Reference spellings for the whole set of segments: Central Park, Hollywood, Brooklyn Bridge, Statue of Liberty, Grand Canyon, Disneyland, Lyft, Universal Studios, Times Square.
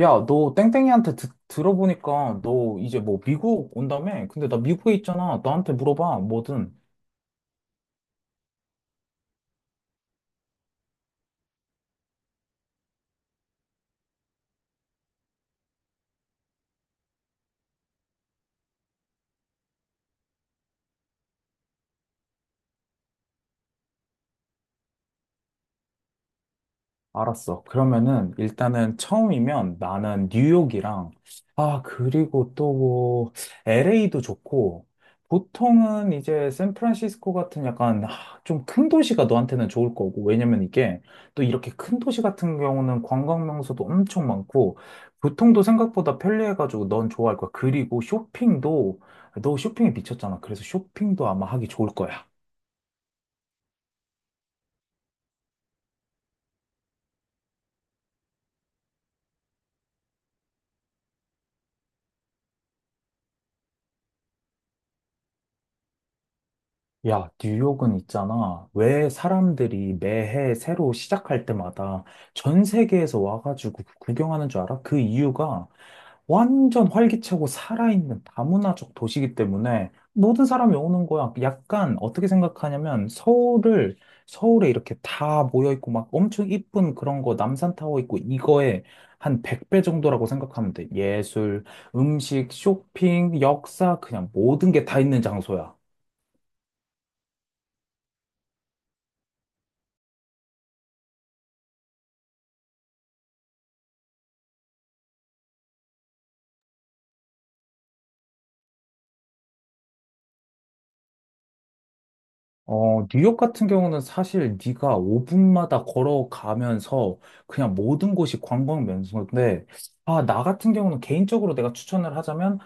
야, 너 땡땡이한테 들어보니까 너 이제 뭐 미국 온다며? 근데 나 미국에 있잖아. 나한테 물어봐, 뭐든. 알았어. 그러면은 일단은 처음이면 나는 뉴욕이랑 아 그리고 또 뭐 LA도 좋고 보통은 이제 샌프란시스코 같은 약간 아, 좀큰 도시가 너한테는 좋을 거고 왜냐면 이게 또 이렇게 큰 도시 같은 경우는 관광 명소도 엄청 많고 교통도 생각보다 편리해가지고 넌 좋아할 거야. 그리고 쇼핑도 너 쇼핑에 미쳤잖아. 그래서 쇼핑도 아마 하기 좋을 거야. 야, 뉴욕은 있잖아. 왜 사람들이 매해 새로 시작할 때마다 전 세계에서 와가지고 구경하는 줄 알아? 그 이유가 완전 활기차고 살아있는 다문화적 도시이기 때문에 모든 사람이 오는 거야. 약간 어떻게 생각하냐면 서울을, 서울에 이렇게 다 모여있고 막 엄청 이쁜 그런 거 남산타워 있고 이거에 한 100배 정도라고 생각하면 돼. 예술, 음식, 쇼핑, 역사, 그냥 모든 게 다 있는 장소야. 어, 뉴욕 같은 경우는 사실 네가 5분마다 걸어가면서 그냥 모든 곳이 관광 명소인데, 아, 나 같은 경우는 개인적으로 내가 추천을 하자면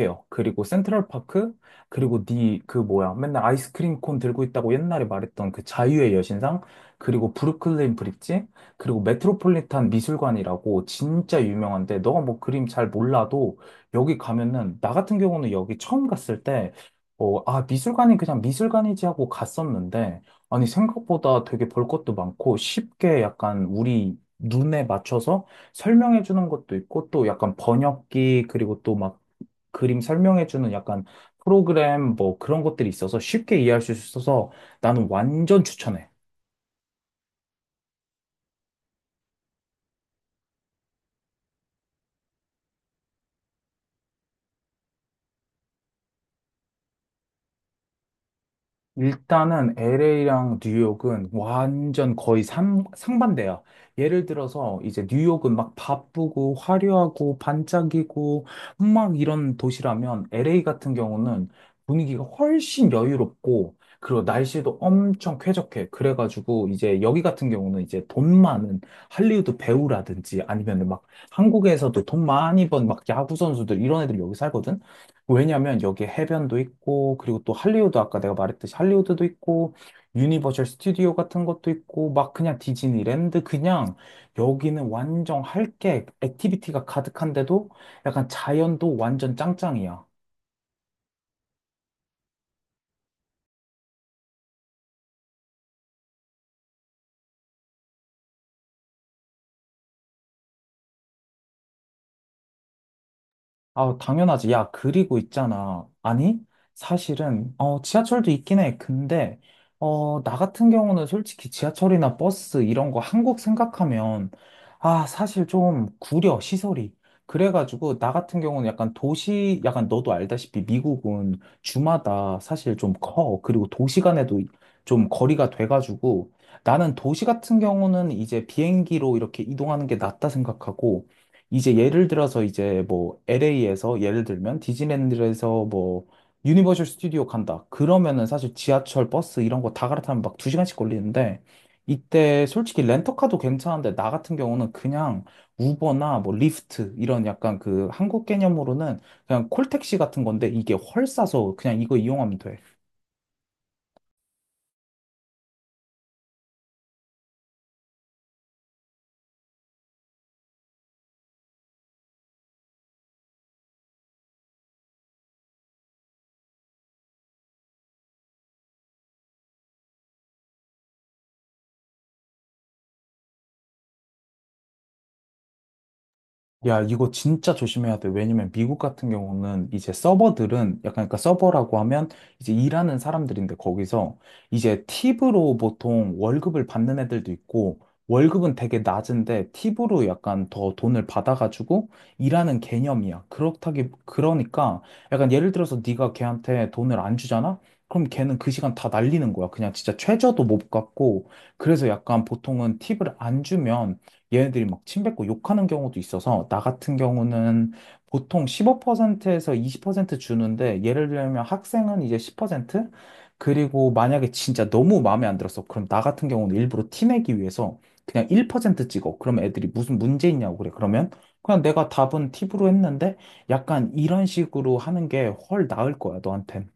타임스퀘어, 그리고 센트럴파크, 그리고 네 그 뭐야, 맨날 아이스크림 콘 들고 있다고 옛날에 말했던 그 자유의 여신상, 그리고 브루클린 브릿지, 그리고 메트로폴리탄 미술관이라고 진짜 유명한데, 너가 뭐 그림 잘 몰라도 여기 가면은, 나 같은 경우는 여기 처음 갔을 때 미술관이 그냥 미술관이지 하고 갔었는데, 아니, 생각보다 되게 볼 것도 많고, 쉽게 약간 우리 눈에 맞춰서 설명해 주는 것도 있고, 또 약간 번역기, 그리고 또 막 그림 설명해 주는 약간 프로그램 뭐 그런 것들이 있어서 쉽게 이해할 수 있어서 나는 완전 추천해. 일단은 LA랑 뉴욕은 완전 거의 상반돼요. 예를 들어서 이제 뉴욕은 막 바쁘고 화려하고 반짝이고 막 이런 도시라면 LA 같은 경우는 분위기가 훨씬 여유롭고 그리고 날씨도 엄청 쾌적해. 그래가지고 이제 여기 같은 경우는 이제 돈 많은 할리우드 배우라든지 아니면 막 한국에서도 돈 많이 번 막 야구 선수들 이런 애들이 여기 살거든. 왜냐면 여기에 해변도 있고, 그리고 또 할리우드, 아까 내가 말했듯이 할리우드도 있고, 유니버셜 스튜디오 같은 것도 있고, 막 그냥 디즈니랜드, 그냥 여기는 완전 할 게, 액티비티가 가득한데도 약간 자연도 완전 짱짱이야. 아, 당연하지. 야, 그리고 있잖아. 아니, 사실은, 지하철도 있긴 해. 근데, 나 같은 경우는 솔직히 지하철이나 버스 이런 거 한국 생각하면, 아, 사실 좀 구려, 시설이. 그래가지고, 나 같은 경우는 약간 도시, 약간 너도 알다시피 미국은 주마다 사실 좀 커. 그리고 도시 간에도 좀 거리가 돼가지고, 나는 도시 같은 경우는 이제 비행기로 이렇게 이동하는 게 낫다 생각하고, 이제 예를 들어서 이제 뭐 LA에서 예를 들면 디즈니랜드에서 뭐 유니버셜 스튜디오 간다. 그러면은 사실 지하철, 버스 이런 거 다 갈아타면 막 두시간씩 걸리는데 이때 솔직히 렌터카도 괜찮은데 나 같은 경우는 그냥 우버나 뭐 리프트 이런 약간 그 한국 개념으로는 그냥 콜택시 같은 건데 이게 훨 싸서 그냥 이거 이용하면 돼. 야, 이거 진짜 조심해야 돼. 왜냐면 미국 같은 경우는 이제 서버들은 약간 그러니까 서버라고 하면 이제 일하는 사람들인데 거기서 이제 팁으로 보통 월급을 받는 애들도 있고 월급은 되게 낮은데 팁으로 약간 더 돈을 받아가지고 일하는 개념이야. 그렇다기 그러니까 약간 예를 들어서 네가 걔한테 돈을 안 주잖아? 그럼 걔는 그 시간 다 날리는 거야. 그냥 진짜 최저도 못 갚고 그래서 약간 보통은 팁을 안 주면 얘네들이 막 침뱉고 욕하는 경우도 있어서 나 같은 경우는 보통 15%에서 20% 주는데 예를 들면 학생은 이제 10% 그리고 만약에 진짜 너무 마음에 안 들었어. 그럼 나 같은 경우는 일부러 티내기 위해서 그냥 1% 찍어. 그럼 애들이 무슨 문제 있냐고 그래. 그러면 그냥 내가 답은 팁으로 했는데 약간 이런 식으로 하는 게 훨 나을 거야, 너한텐.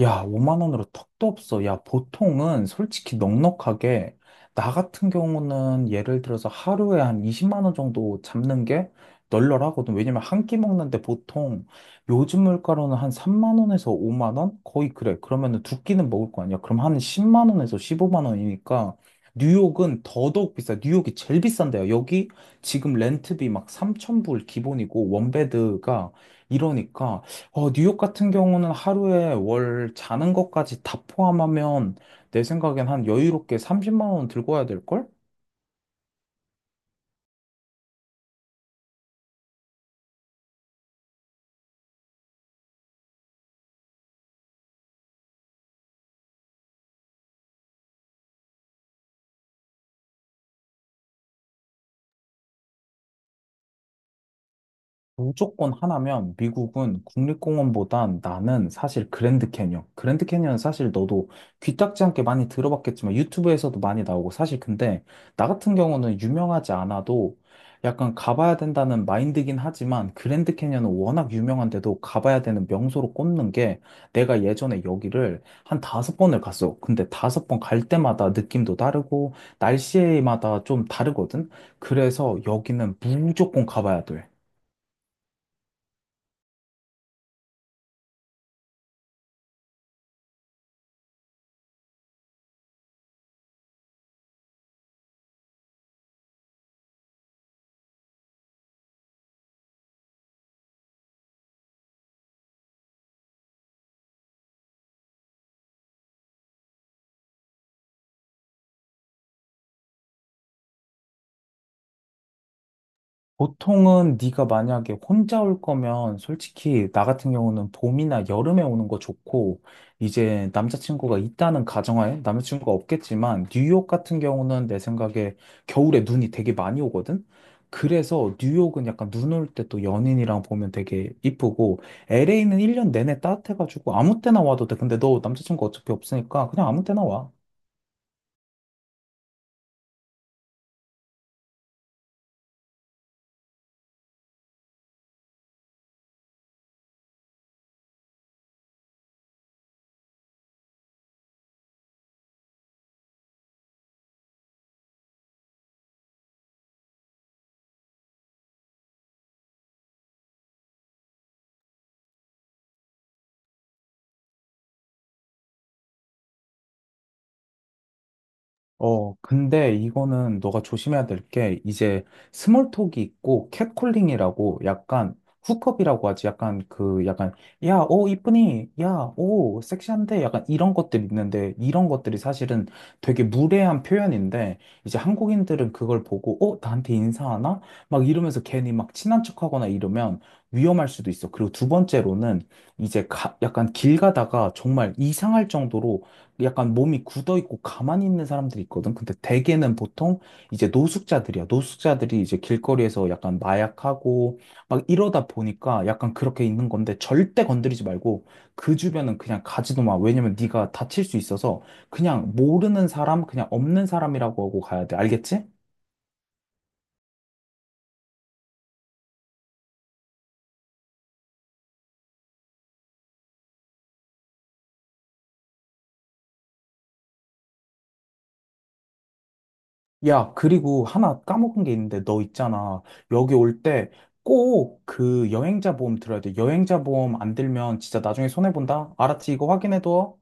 야, 5만 원으로 턱도 없어. 야, 보통은 솔직히 넉넉하게, 나 같은 경우는 예를 들어서 하루에 한 20만 원 정도 잡는 게 널널하거든. 왜냐면 한 끼 먹는데 보통 요즘 물가로는 한 3만 원에서 5만 원? 거의 그래. 그러면은 두 끼는 먹을 거 아니야. 그럼 한 10만 원에서 15만 원이니까 뉴욕은 더더욱 비싸. 뉴욕이 제일 비싼데요. 여기 지금 렌트비 막 3천 불 기본이고 원베드가 이러니까 어, 뉴욕 같은 경우는 하루에 월 자는 것까지 다 포함하면 내 생각엔 한 여유롭게 30만 원 들고 와야 될걸? 무조건 하나면 미국은 국립공원보단 나는 사실 그랜드 캐니언. 그랜드 캐니언은 사실 너도 귀딱지 않게 많이 들어봤겠지만 유튜브에서도 많이 나오고 사실 근데 나 같은 경우는 유명하지 않아도 약간 가봐야 된다는 마인드긴 하지만 그랜드 캐니언은 워낙 유명한데도 가봐야 되는 명소로 꼽는 게 내가 예전에 여기를 한 다섯 번을 갔어. 근데 다섯 번 갈 때마다 느낌도 다르고 날씨마다 좀 다르거든. 그래서 여기는 무조건 가봐야 돼. 보통은 네가 만약에 혼자 올 거면 솔직히 나 같은 경우는 봄이나 여름에 오는 거 좋고 이제 남자친구가 있다는 가정하에 남자친구가 없겠지만 뉴욕 같은 경우는 내 생각에 겨울에 눈이 되게 많이 오거든. 그래서 뉴욕은 약간 눈 올 때 또 연인이랑 보면 되게 이쁘고 LA는 1년 내내 따뜻해가지고 아무 때나 와도 돼. 근데 너 남자친구 어차피 없으니까 그냥 아무 때나 와. 어, 근데 이거는 너가 조심해야 될 게, 이제 스몰톡이 있고, catcalling이라고 약간, 훅업이라고 하지. 약간 그, 약간, 야, 오, 이쁘니? 야, 오, 섹시한데? 약간 이런 것들 있는데, 이런 것들이 사실은 되게 무례한 표현인데, 이제 한국인들은 그걸 보고, 어, 나한테 인사하나? 막 이러면서 괜히 막 친한 척하거나 이러면 위험할 수도 있어. 그리고 두 번째로는, 이제 약간 길 가다가 정말 이상할 정도로 약간 몸이 굳어 있고 가만히 있는 사람들이 있거든. 근데 대개는 보통 이제 노숙자들이야. 노숙자들이 이제 길거리에서 약간 마약하고 막 이러다 보니까 약간 그렇게 있는 건데 절대 건드리지 말고 그 주변은 그냥 가지도 마. 왜냐면 네가 다칠 수 있어서 그냥 모르는 사람, 그냥 없는 사람이라고 하고 가야 돼. 알겠지? 야, 그리고 하나 까먹은 게 있는데 너 있잖아. 여기 올 때 꼭 그 여행자 보험 들어야 돼. 여행자 보험 안 들면 진짜 나중에 손해본다. 알았지? 이거 확인해둬.